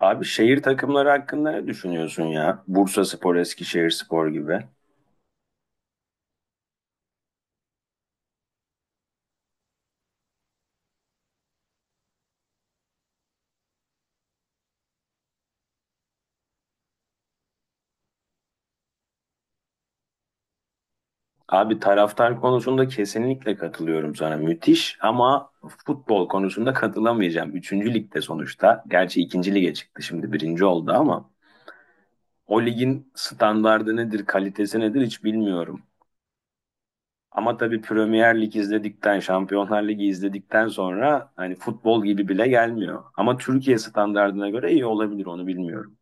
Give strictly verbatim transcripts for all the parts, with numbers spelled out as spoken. Abi şehir takımları hakkında ne düşünüyorsun ya? Bursaspor, Eskişehirspor gibi. Abi taraftar konusunda kesinlikle katılıyorum sana. Müthiş ama futbol konusunda katılamayacağım. Üçüncü ligde sonuçta. Gerçi ikinci lige çıktı şimdi birinci oldu ama o ligin standardı nedir, kalitesi nedir hiç bilmiyorum. Ama tabii Premier Lig izledikten, Şampiyonlar Ligi izledikten sonra hani futbol gibi bile gelmiyor. Ama Türkiye standardına göre iyi olabilir onu bilmiyorum.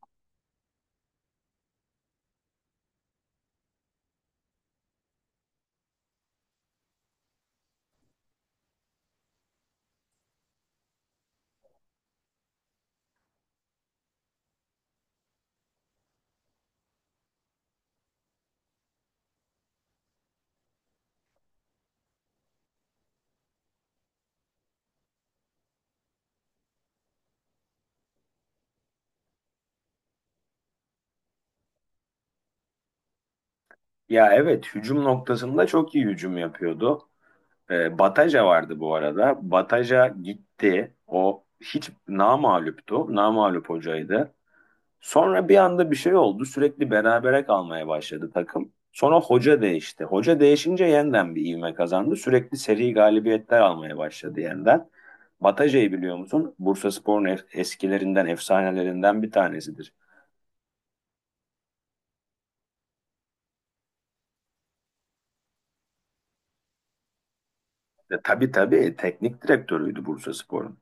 Ya evet hücum noktasında çok iyi hücum yapıyordu. Ee, Bataja vardı bu arada. Bataja gitti. O hiç namağluptu. Namağlup hocaydı. Sonra bir anda bir şey oldu. Sürekli berabere kalmaya başladı takım. Sonra hoca değişti. Hoca değişince yeniden bir ivme kazandı. Sürekli seri galibiyetler almaya başladı yeniden. Bataja'yı biliyor musun? Bursaspor'un ef- eskilerinden, efsanelerinden bir tanesidir. E, tabii tabii teknik direktörüydü Bursaspor'un.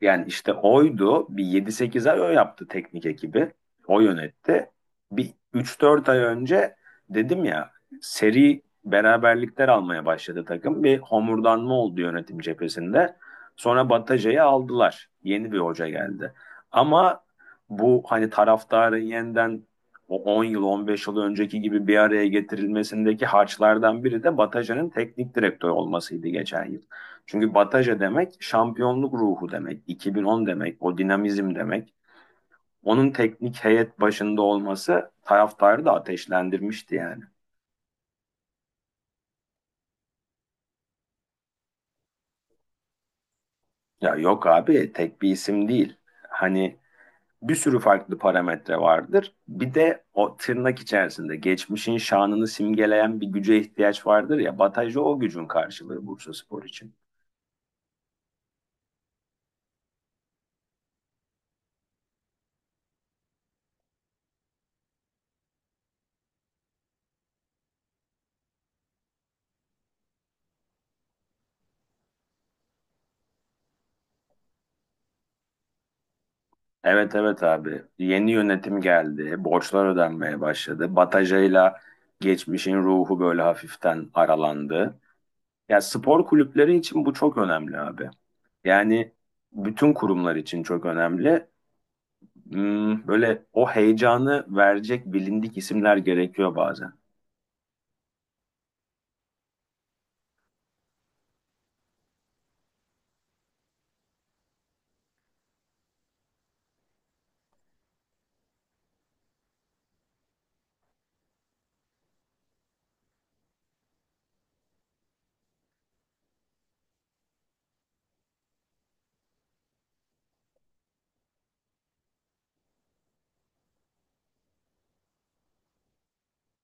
Yani işte oydu. Bir yedi sekiz ay o yaptı teknik ekibi. O yönetti. Bir üç dört ay önce dedim ya seri beraberlikler almaya başladı takım. Bir homurdanma oldu yönetim cephesinde. Sonra Bataja'yı aldılar. Yeni bir hoca geldi. Ama bu hani taraftarın yeniden o on yıl on beş yıl önceki gibi bir araya getirilmesindeki harçlardan biri de Bataja'nın teknik direktör olmasıydı geçen yıl. Çünkü Bataja demek şampiyonluk ruhu demek, iki bin on demek, o dinamizm demek. Onun teknik heyet başında olması taraftarı da ateşlendirmişti yani. Ya yok abi tek bir isim değil. Hani bir sürü farklı parametre vardır. Bir de o tırnak içerisinde geçmişin şanını simgeleyen bir güce ihtiyaç vardır ya. Bataja o gücün karşılığı Bursaspor için. Evet evet abi. Yeni yönetim geldi. Borçlar ödenmeye başladı. Batajayla geçmişin ruhu böyle hafiften aralandı. Ya spor kulüpleri için bu çok önemli abi. Yani bütün kurumlar için çok önemli. Hmm, Böyle o heyecanı verecek bilindik isimler gerekiyor bazen.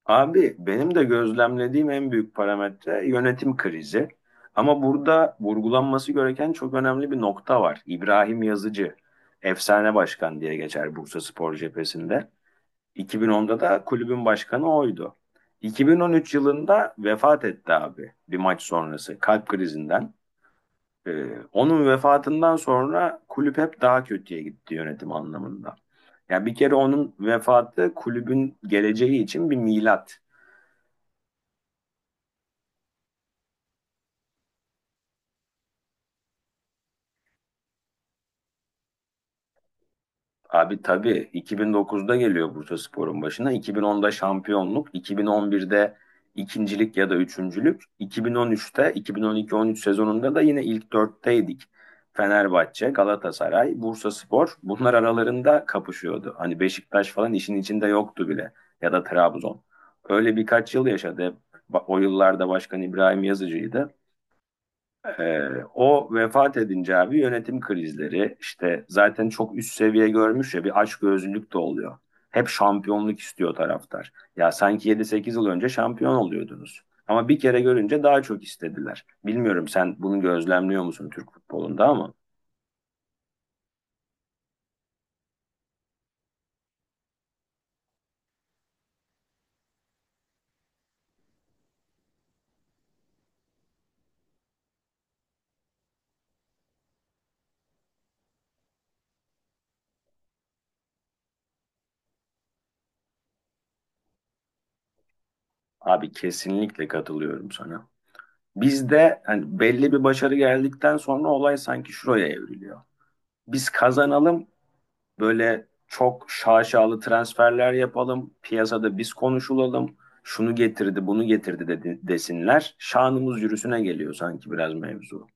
Abi benim de gözlemlediğim en büyük parametre yönetim krizi. Ama burada vurgulanması gereken çok önemli bir nokta var. İbrahim Yazıcı, efsane başkan diye geçer Bursaspor cephesinde. iki bin onda da kulübün başkanı oydu. iki bin on üç yılında vefat etti abi bir maç sonrası kalp krizinden. Ee, onun vefatından sonra kulüp hep daha kötüye gitti yönetim anlamında. Ya bir kere onun vefatı kulübün geleceği için bir milat. Abi tabii iki bin dokuzda geliyor Bursaspor'un başına. iki bin onda şampiyonluk, iki bin on birde ikincilik ya da üçüncülük, iki bin on üçte iki bin on iki-on üç sezonunda da yine ilk dörtteydik. Fenerbahçe, Galatasaray, Bursaspor bunlar aralarında kapışıyordu. Hani Beşiktaş falan işin içinde yoktu bile ya da Trabzon. Öyle birkaç yıl yaşadı. Hep ba- o yıllarda Başkan İbrahim Yazıcı'ydı. Ee, o vefat edince abi yönetim krizleri işte zaten çok üst seviye görmüş ya bir açgözlülük de oluyor. Hep şampiyonluk istiyor taraftar. Ya sanki yedi sekiz yıl önce şampiyon oluyordunuz. Ama bir kere görünce daha çok istediler. Bilmiyorum sen bunu gözlemliyor musun Türk futbolunda ama abi kesinlikle katılıyorum sana. Bizde hani belli bir başarı geldikten sonra olay sanki şuraya evriliyor. Biz kazanalım böyle çok şaşalı transferler yapalım, piyasada biz konuşulalım, şunu getirdi, bunu getirdi dedi, desinler. Şanımız yürüsüne geliyor sanki biraz mevzu.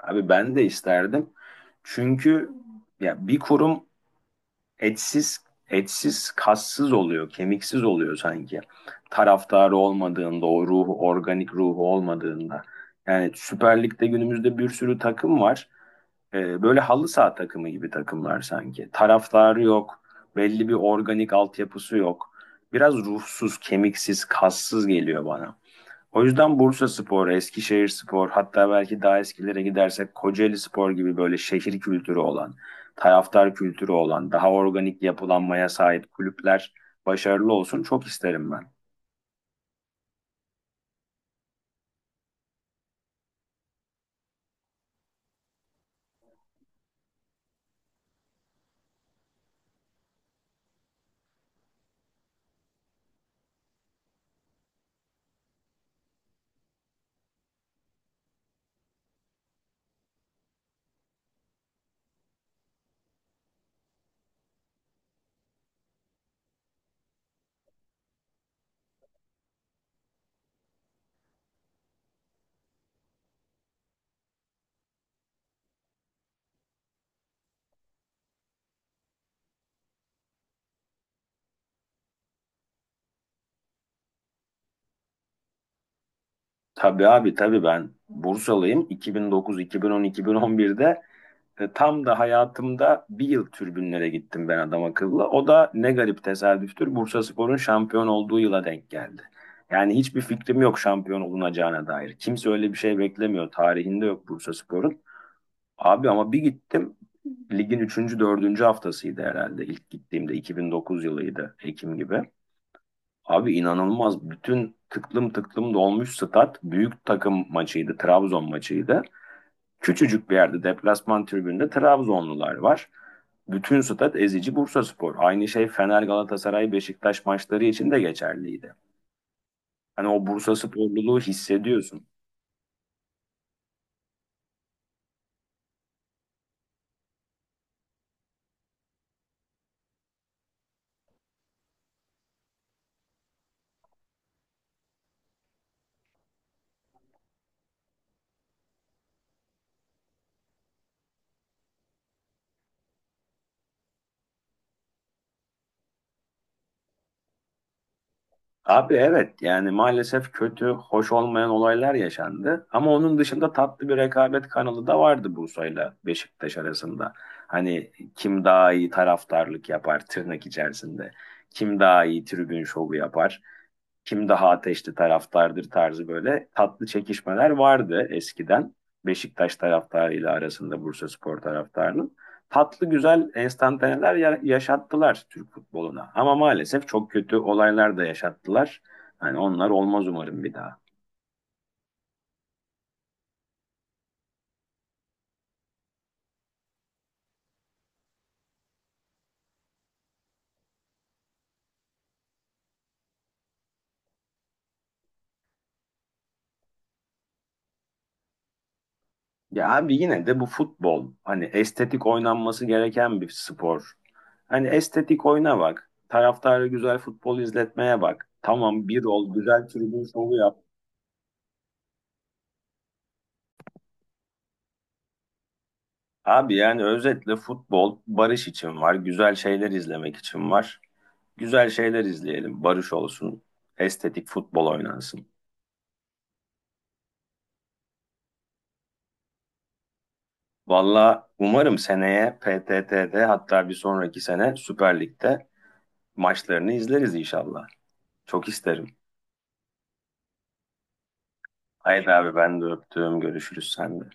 Abi ben de isterdim. Çünkü ya bir kurum etsiz etsiz kassız oluyor, kemiksiz oluyor sanki. Taraftarı olmadığında, o ruhu, organik ruhu olmadığında. Yani Süper Lig'de günümüzde bir sürü takım var. Ee, böyle halı saha takımı gibi takımlar sanki. Taraftarı yok, belli bir organik altyapısı yok. Biraz ruhsuz, kemiksiz, kassız geliyor bana. O yüzden Bursaspor, Eskişehirspor, hatta belki daha eskilere gidersek Kocaelispor gibi böyle şehir kültürü olan, taraftar kültürü olan, daha organik yapılanmaya sahip kulüpler başarılı olsun çok isterim ben. Tabii abi tabii ben Bursalıyım. iki bin dokuz, iki bin on, iki bin on birde E, tam da hayatımda bir yıl tribünlere gittim ben adam akıllı. O da ne garip tesadüftür. Bursaspor'un şampiyon olduğu yıla denk geldi. Yani hiçbir fikrim yok şampiyon olunacağına dair. Kimse öyle bir şey beklemiyor. Tarihinde yok Bursaspor'un. Abi ama bir gittim. Ligin üçüncü dördüncü haftasıydı herhalde. İlk gittiğimde iki bin dokuz yılıydı. Ekim gibi. Abi inanılmaz. Bütün tıklım tıklım dolmuş stat. Büyük takım maçıydı. Trabzon maçıydı. Küçücük bir yerde deplasman tribünde Trabzonlular var. Bütün stat ezici Bursa Spor. Aynı şey Fener Galatasaray Beşiktaş maçları için de geçerliydi. Hani o Bursa sporluluğu hissediyorsun. Abi evet yani maalesef kötü, hoş olmayan olaylar yaşandı. Ama onun dışında tatlı bir rekabet kanalı da vardı Bursa'yla Beşiktaş arasında. Hani kim daha iyi taraftarlık yapar tırnak içerisinde. Kim daha iyi tribün şovu yapar. Kim daha ateşli taraftardır tarzı böyle tatlı çekişmeler vardı eskiden. Beşiktaş taraftarıyla arasında Bursaspor taraftarının. Tatlı güzel enstantaneler yaşattılar Türk futboluna. Ama maalesef çok kötü olaylar da yaşattılar. Hani onlar olmaz umarım bir daha. Ya abi yine de bu futbol hani estetik oynanması gereken bir spor. Hani estetik oyna bak. Taraftarı güzel futbol izletmeye bak. Tamam bir ol güzel tribün şovu yap. Abi yani özetle futbol barış için var, güzel şeyler izlemek için var. Güzel şeyler izleyelim, barış olsun, estetik futbol oynansın. Valla umarım seneye P T T'de hatta bir sonraki sene Süper Lig'de maçlarını izleriz inşallah. Çok isterim. Haydi abi ben de öptüm, görüşürüz sen